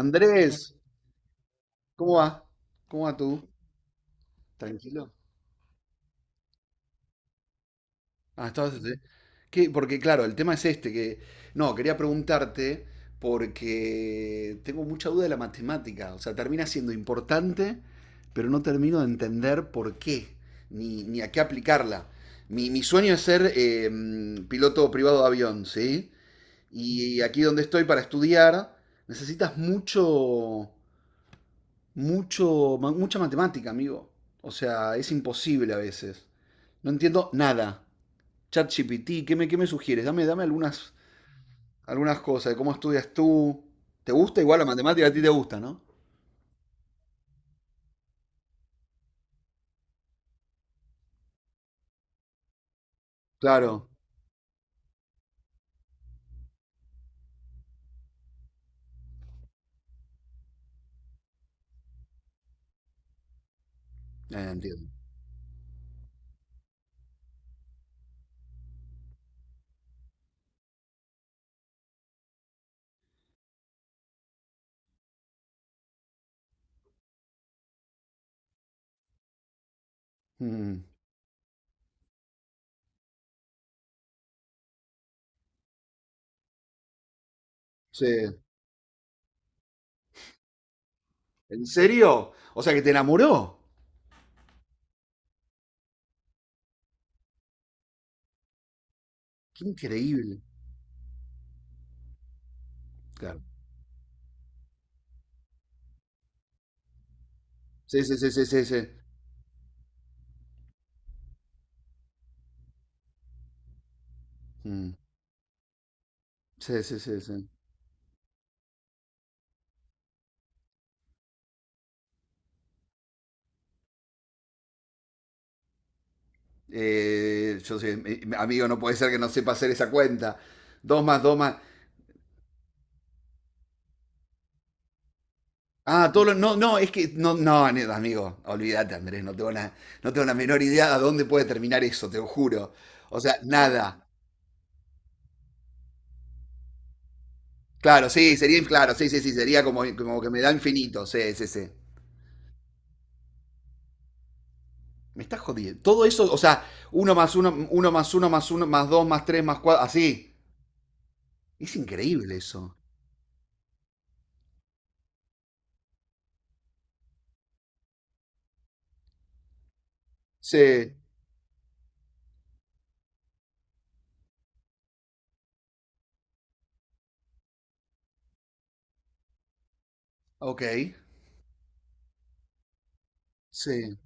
Andrés, ¿cómo va? ¿Cómo va tú? ¿Tranquilo? Ah, estabas... ¿qué? Porque claro, el tema es este, que... No, quería preguntarte porque tengo mucha duda de la matemática. O sea, termina siendo importante, pero no termino de entender por qué, ni a qué aplicarla. Mi sueño es ser piloto privado de avión, ¿sí? Y aquí donde estoy para estudiar, necesitas mucho... Mucho, mucha matemática, amigo. O sea, es imposible a veces. No entiendo nada. ChatGPT, ¿ qué me sugieres? Dame algunas, algunas cosas de cómo estudias tú. ¿Te gusta? Igual la matemática a ti te gusta, ¿no? Claro. Entiendo. Mm, sí. ¿En serio? O sea, que te enamoró. Qué increíble. Claro. Sí, sí, sí, sí, sí, sí. Mm, sí, sí, sí, sí. Yo soy, amigo, no puede ser que no sepa hacer esa cuenta. Dos más dos más. Ah, todo lo- No, no, es que. No, no, ne- amigo, olvídate, Andrés, no tengo la, no tengo la menor idea a dónde puede terminar eso, te lo juro. O sea, nada. Claro, sí, sería, claro, sí, sí, sí, sería como, como que me da infinito, sí, sí, sí. Me estás jodiendo. Todo eso, o sea, uno más uno más uno más dos más tres más cuatro, así. Es increíble eso. Sí, ok, sí,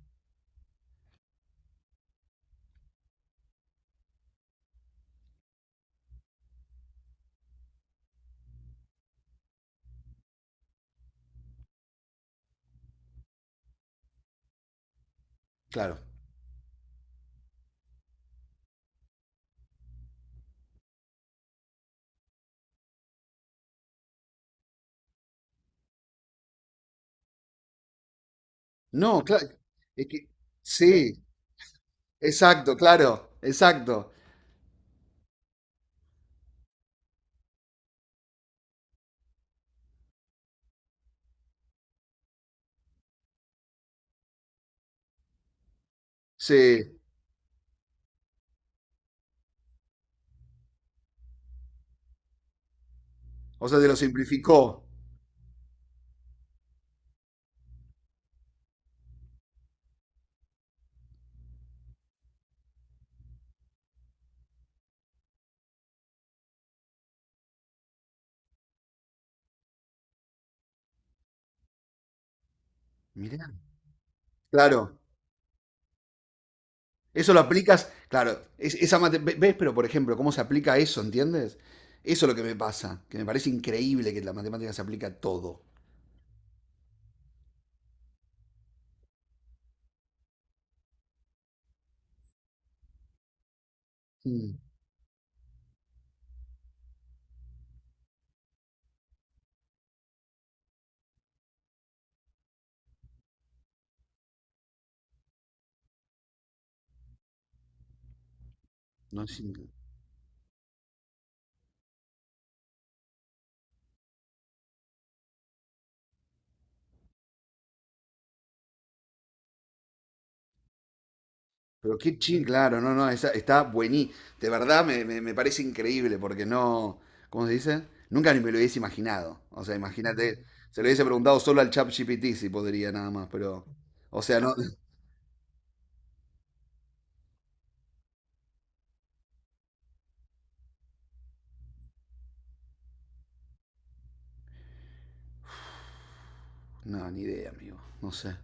claro. No, claro, es que. Sí, exacto, claro, exacto. Sí, o sea, te lo simplificó. Mirá. Claro, eso lo aplicas, claro, es- esa mate- ve- ¿ves? Pero por ejemplo, ¿cómo se aplica eso, entiendes? Eso es lo que me pasa, que me parece increíble que la matemática se aplica a todo. Mm, no es incre- Pero qué ching, claro, no, no, esa- está buenísimo. De verdad me, me- me parece increíble porque no, ¿cómo se dice? Nunca ni me lo hubiese imaginado. O sea, imagínate, se lo hubiese preguntado solo al ChatGPT si podría nada más, pero, o sea, no, no, ni idea, amigo, no sé.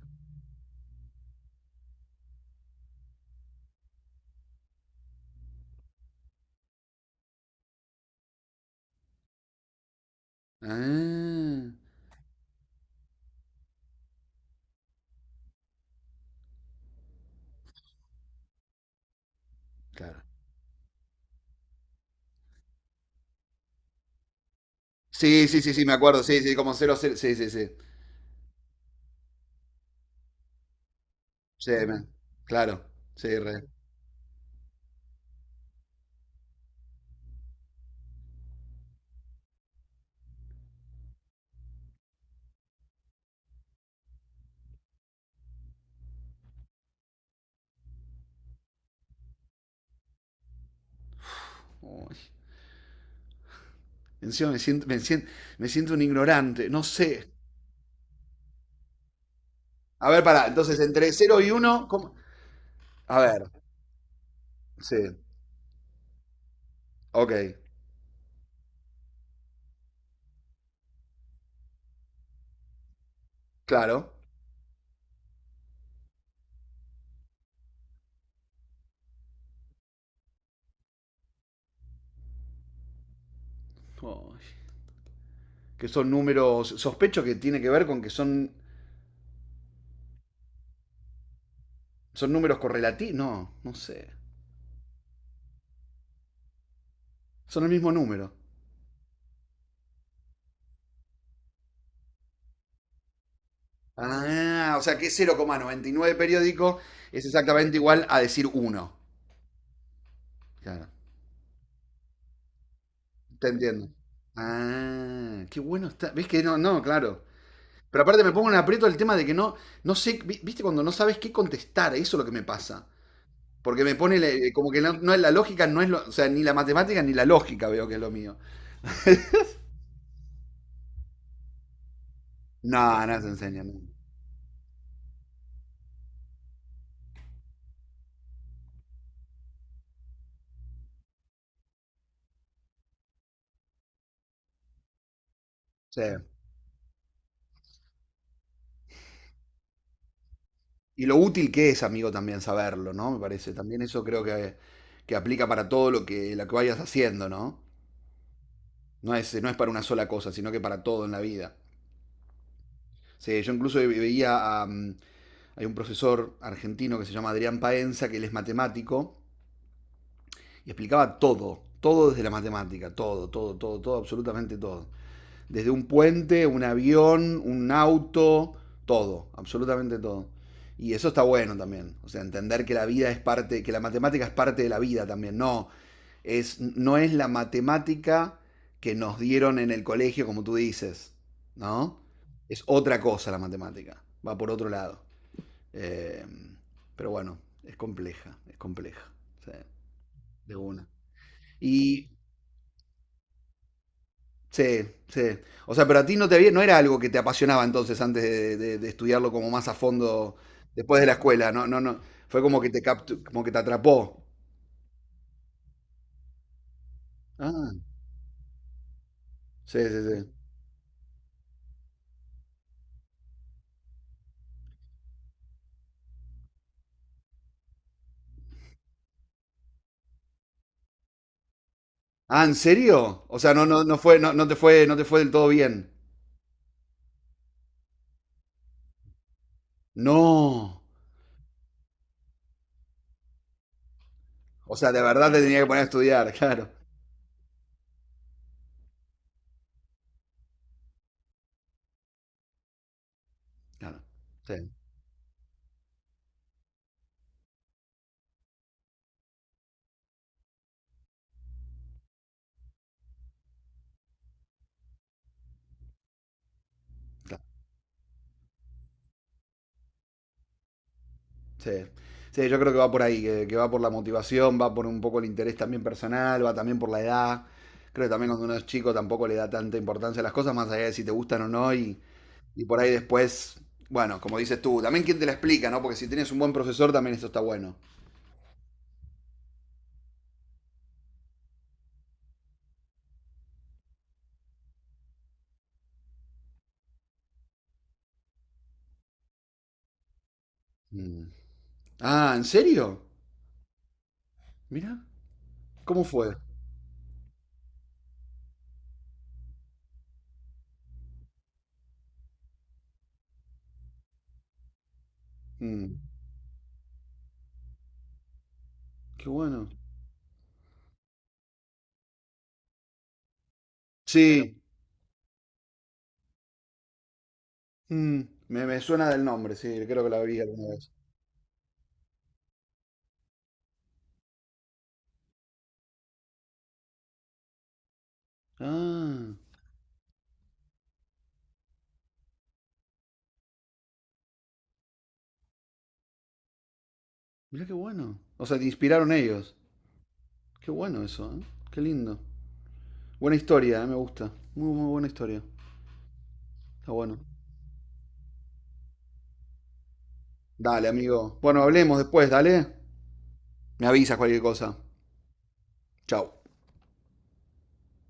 Ah, claro. Sí, sí, sí, sí, me acuerdo. Sí, sí, como cero cero, sí, sí, sí. Sí, me- claro. Sí, re. Uy, encima me siento, me siento, me siento un ignorante, no sé. A ver, pará, entonces entre cero y uno ¿cómo? A ver, sí, ok, claro. Uy, que son números, sospecho que tiene que ver con que son, son números correlativos. No, no sé. Son el mismo número. Ah, o sea que cero coma noventa y nueve periódico es exactamente igual a decir 1. Te entiendo. Ah, qué bueno está. ¿Ves que no, no, claro. Pero aparte me pongo en aprieto el tema de que no, no sé, vi- viste cuando no sabes qué contestar, eso es lo que me pasa. Porque me pone le- como que no, no es la lógica, no es lo, o sea, ni la matemática ni la lógica veo que es lo mío. No, no se enseña. No. Sí. Y lo útil que es, amigo, también saberlo, ¿no? Me parece. También eso creo que aplica para todo lo que vayas haciendo, ¿no? No es para una sola cosa, sino que para todo en la vida. Sí, yo incluso veía a, hay un profesor argentino que se llama Adrián Paenza, que él es matemático, y explicaba todo, todo desde la matemática, todo, todo, todo, todo, absolutamente todo. Desde un puente, un avión, un auto, todo, absolutamente todo. Y eso está bueno también, o sea, entender que la vida es parte, que la matemática es parte de la vida también, no, es, no es la matemática que nos dieron en el colegio, como tú dices, ¿no? Es otra cosa la matemática, va por otro lado. Eh, pero bueno, es compleja, es compleja. Sí, de una. Y sí, sí. O sea, pero a ti no te había, no era algo que te apasionaba entonces antes de estudiarlo como más a fondo después de la escuela. No, no, no. Fue como que te captu- como que te atrapó. Ah, sí, sí, sí. Ah, ¿en serio? O sea, no, no, no fue, no, no te fue, no te fue del todo bien. No. O sea, de verdad te tenía que poner a estudiar, claro. Claro. Sí, claro. Sí. Sí, yo creo que va por ahí, que va por la motivación, va por un poco el interés también personal, va también por la edad. Creo que también cuando uno es chico tampoco le da tanta importancia a las cosas, más allá de si te gustan o no, y por ahí después, bueno, como dices tú, también quién te la explica, ¿no? Porque si tienes un buen profesor, también eso está bueno. Mm. Ah, ¿en serio? Mira, ¿cómo fue? Mm, qué bueno. Sí, mm, me, me suena del nombre, sí, creo que la vi alguna vez. Ah, mira qué bueno. O sea, te inspiraron ellos. Qué bueno eso, ¿eh? Qué lindo. Buena historia, ¿eh? Me gusta. Muy, muy buena historia. Está bueno. Dale, amigo. Bueno, hablemos después, dale. Me avisas cualquier cosa. Chao.